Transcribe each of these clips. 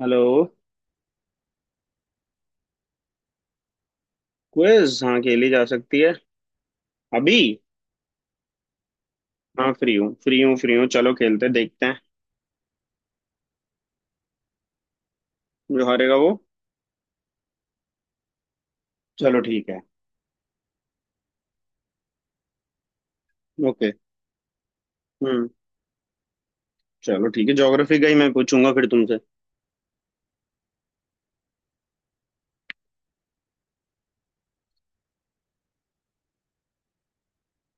Hello. Quiz हाँ खेली जा सकती है। अभी। हाँ फ्री हूँ फ्री हूँ फ्री हूँ चलो खेलते हैं, देखते हैं। जो हारेगा वो। चलो ठीक है। ओके। हम्म। चलो ठीक है ज्योग्राफी का ही मैं पूछूंगा फिर तुमसे।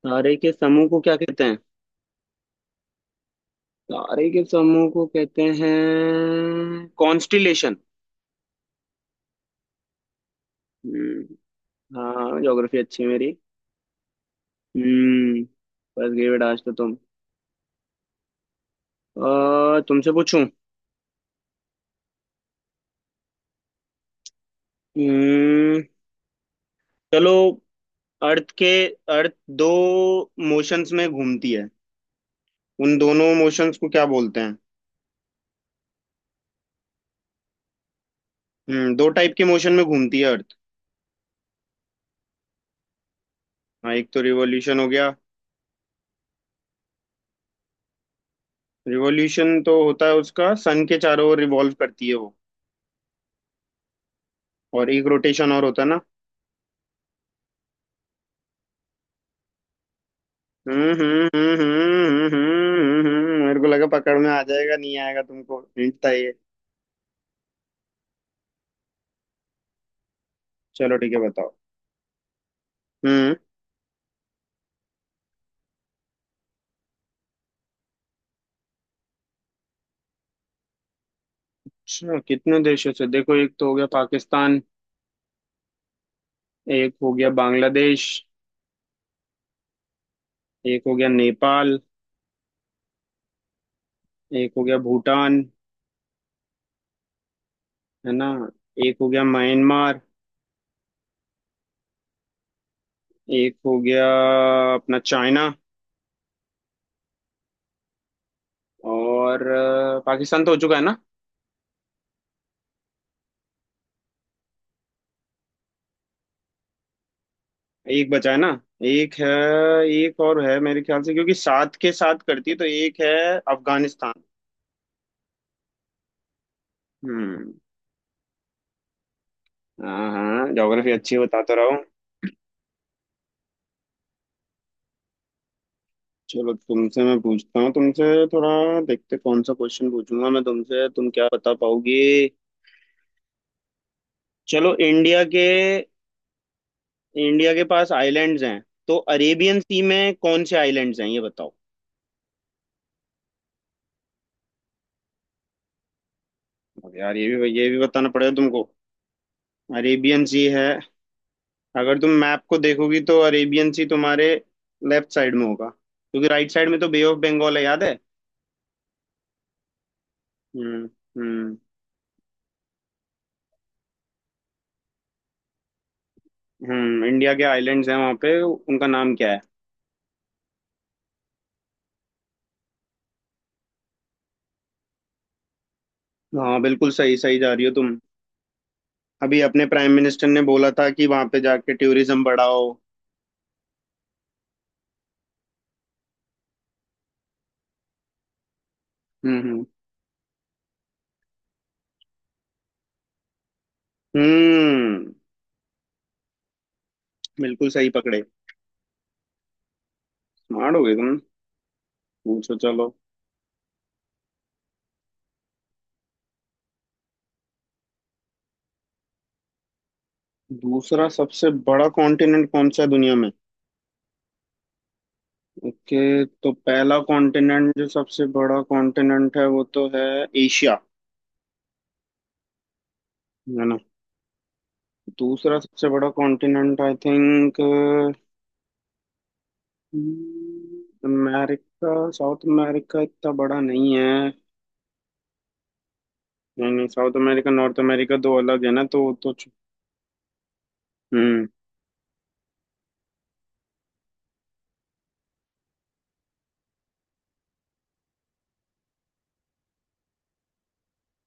तारे के समूह को क्या कहते हैं? तारे के समूह को कहते हैं कॉन्स्टिलेशन। हम्म। हाँ ज्योग्राफी अच्छी है मेरी। हम्म। बस गई बेटा आज तो तुम। तुमसे पूछूं। हम्म। चलो। अर्थ के। अर्थ दो मोशंस में घूमती है। उन दोनों मोशंस को क्या बोलते हैं? दो टाइप के मोशन में घूमती है अर्थ। हाँ एक तो रिवॉल्यूशन हो गया। रिवॉल्यूशन तो होता है उसका, सन के चारों ओर रिवॉल्व करती है वो। और एक रोटेशन और होता है ना। मेरे को लगा पकड़ में आ जाएगा, नहीं आएगा तुमको, हिंट था ये। चलो ठीक है बताओ। हम्म। अच्छा कितने देशों से, देखो एक तो हो गया पाकिस्तान। एक हो गया बांग्लादेश। एक हो गया नेपाल। एक हो गया भूटान है ना। एक हो गया म्यांमार। एक हो गया अपना चाइना। और पाकिस्तान तो हो चुका है ना। एक बचा है ना। एक है। एक और है मेरे ख्याल से, क्योंकि सात के साथ करती है तो एक है, अफगानिस्तान। हम्म। हाँ हाँ ज्योग्राफी अच्छी है, बता तो रहा हूँ। चलो तुमसे मैं पूछता हूँ तुमसे। थोड़ा देखते कौन सा क्वेश्चन पूछूंगा मैं तुमसे, तुम क्या बता पाओगे। चलो इंडिया के। इंडिया के पास आइलैंड्स हैं तो अरेबियन सी में कौन से आइलैंड्स हैं ये बताओ। अब यार ये भी बताना पड़ेगा तुमको। अरेबियन सी है। अगर तुम मैप को देखोगी तो अरेबियन सी तुम्हारे लेफ्ट साइड में होगा, क्योंकि राइट साइड में तो बे ऑफ बंगाल है, याद है। हम्म। हम्म। इंडिया के आइलैंड्स हैं वहाँ पे, उनका नाम क्या है? हाँ बिल्कुल सही सही जा रही हो तुम। अभी अपने प्राइम मिनिस्टर ने बोला था कि वहाँ पे जाके टूरिज्म बढ़ाओ। हम्म हम्म हम्म, बिल्कुल सही पकड़े। स्मार्ट हो गए तुम। पूछो चलो। दूसरा सबसे बड़ा कॉन्टिनेंट कौन सा है दुनिया में? ओके तो पहला कॉन्टिनेंट जो सबसे बड़ा कॉन्टिनेंट है वो तो है एशिया, है ना। दूसरा सबसे बड़ा continent I think America, South America इतना बड़ा नहीं है। नहीं नहीं साउथ अमेरिका नॉर्थ अमेरिका दो अलग है ना, हम्म।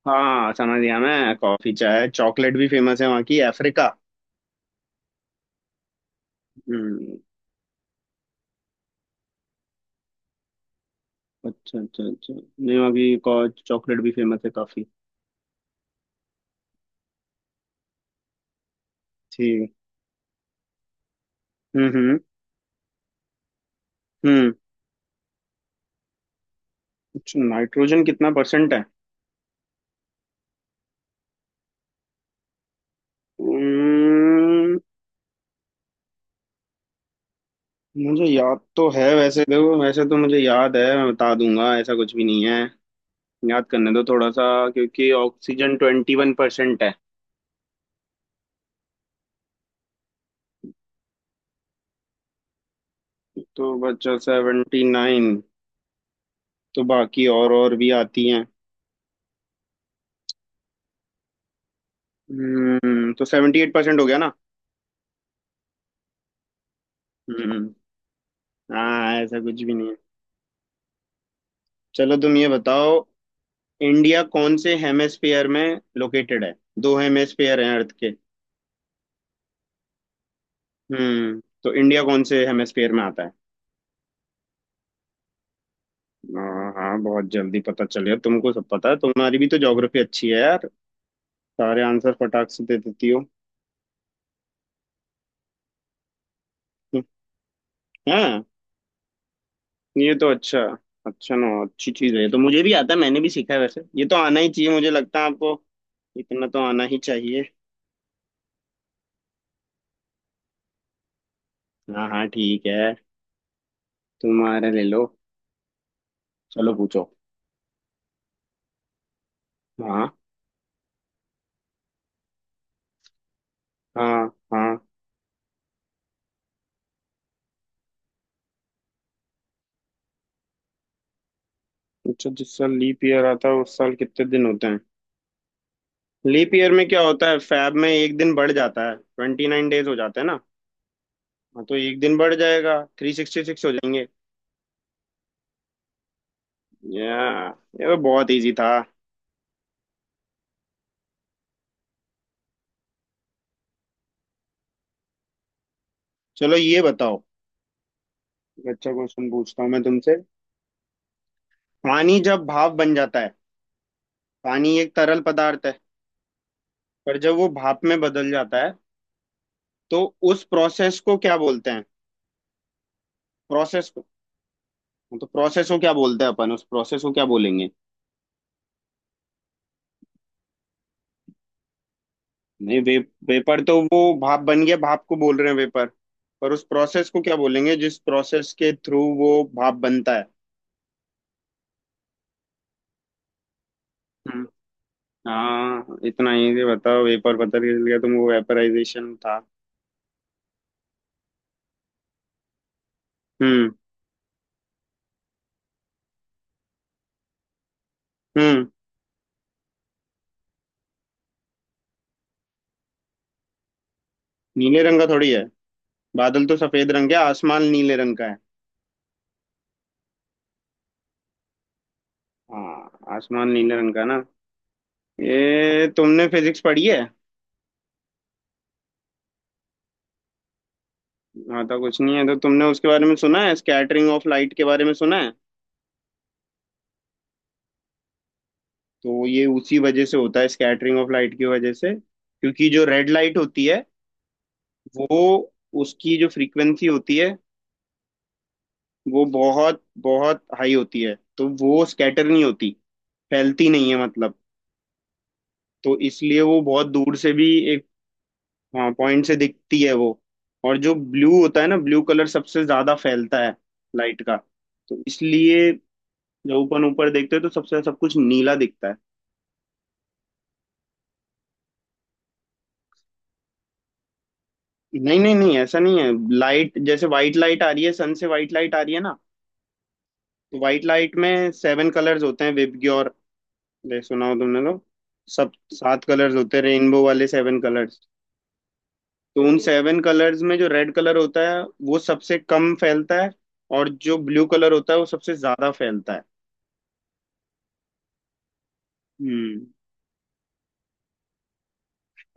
हाँ समझ गया मैं, कॉफी चाय चॉकलेट भी फेमस है वहाँ की, अफ्रीका। हम्म। अच्छा अच्छा अच्छा, नहीं वहाँ की चॉकलेट भी फेमस है काफी। ठीक है। हम्म। हम्म। अच्छा नाइट्रोजन कितना परसेंट है? उम्म, मुझे याद तो है वैसे, देखो वैसे तो मुझे याद है, मैं बता दूंगा ऐसा कुछ भी नहीं है। याद करने दो थोड़ा सा। क्योंकि ऑक्सीजन 21% है। तो बचा 79। तो बाकी और भी आती हैं। तो 78% हो गया ना। हम्म। हाँ ऐसा कुछ भी नहीं है। चलो तुम ये बताओ। इंडिया कौन से हेमेस्फेयर में लोकेटेड है? दो हेमेस्फेयर हैं अर्थ के। तो इंडिया कौन से हेमेस्फेयर में आता है? हाँ हाँ बहुत जल्दी पता चल गया तुमको, सब पता है, तुम्हारी भी तो ज्योग्राफी अच्छी है यार, सारे आंसर फटाक से दे देती हो। हाँ ये तो अच्छा, अच्छा ना अच्छी चीज है ये तो, मुझे भी आता है, मैंने भी सीखा है वैसे, ये तो आना ही चाहिए, मुझे लगता है आपको इतना तो आना ही चाहिए। हाँ हाँ ठीक है। तुम्हारा ले लो। चलो पूछो। हाँ। हाँ। हाँ अच्छा, जिस साल लीप ईयर आता है उस साल कितने दिन होते हैं? लीप ईयर में क्या होता है, फैब में एक दिन बढ़ जाता है, 29 डेज हो जाते हैं ना। हाँ तो एक दिन बढ़ जाएगा, 366 हो जाएंगे। या ये बहुत इजी था। चलो ये बताओ। एक अच्छा क्वेश्चन पूछता हूँ मैं तुमसे। पानी जब भाप बन जाता है, पानी एक तरल पदार्थ है, पर जब वो भाप में बदल जाता है तो उस प्रोसेस को क्या बोलते हैं? प्रोसेस को। हाँ, तो प्रोसेस को क्या बोलते हैं, अपन उस प्रोसेस को क्या बोलेंगे? नहीं वेपर तो वो भाप बन गया, भाप को बोल रहे हैं वेपर, पर उस प्रोसेस को क्या बोलेंगे जिस प्रोसेस के थ्रू वो भाप बनता है। हाँ इतना इजी, बताओ वेपर पता चल गया तुमको, वेपराइजेशन था। हम्म। हम्म। नीले रंग का थोड़ी है, बादल तो सफेद रंग के, आसमान नीले रंग का है। हाँ आसमान नीले रंग का ना। ये तुमने फिजिक्स पढ़ी है। हाँ तो कुछ नहीं है तो तुमने उसके बारे में सुना है, स्कैटरिंग ऑफ लाइट के बारे में सुना है? तो ये उसी वजह से होता है, स्कैटरिंग ऑफ लाइट की वजह से, क्योंकि जो रेड लाइट होती है वो, उसकी जो फ्रीक्वेंसी होती है वो बहुत बहुत हाई होती है तो वो स्कैटर नहीं होती, फैलती नहीं है मतलब। तो इसलिए वो बहुत दूर से भी एक, हाँ, पॉइंट से दिखती है वो। और जो ब्लू होता है ना, ब्लू कलर सबसे ज्यादा फैलता है लाइट का। तो इसलिए जब ऊपर ऊपर देखते हैं तो सबसे सब कुछ नीला दिखता है। नहीं नहीं नहीं ऐसा नहीं है, लाइट, जैसे व्हाइट लाइट आ रही है सन से, व्हाइट लाइट आ रही है ना। तो व्हाइट लाइट में सेवन कलर्स होते हैं, विबग्योर ले सुना हो तुमने तो। सब सात कलर्स होते हैं रेनबो वाले, सेवन कलर्स। तो उन सेवन कलर्स में जो रेड कलर होता है वो सबसे कम फैलता है। और जो ब्लू कलर होता है वो सबसे ज्यादा फैलता है। हम्म।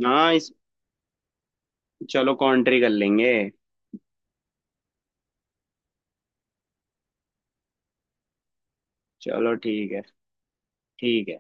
हाँ इस चलो कॉन्ट्री कर लेंगे। चलो ठीक है। ठीक है।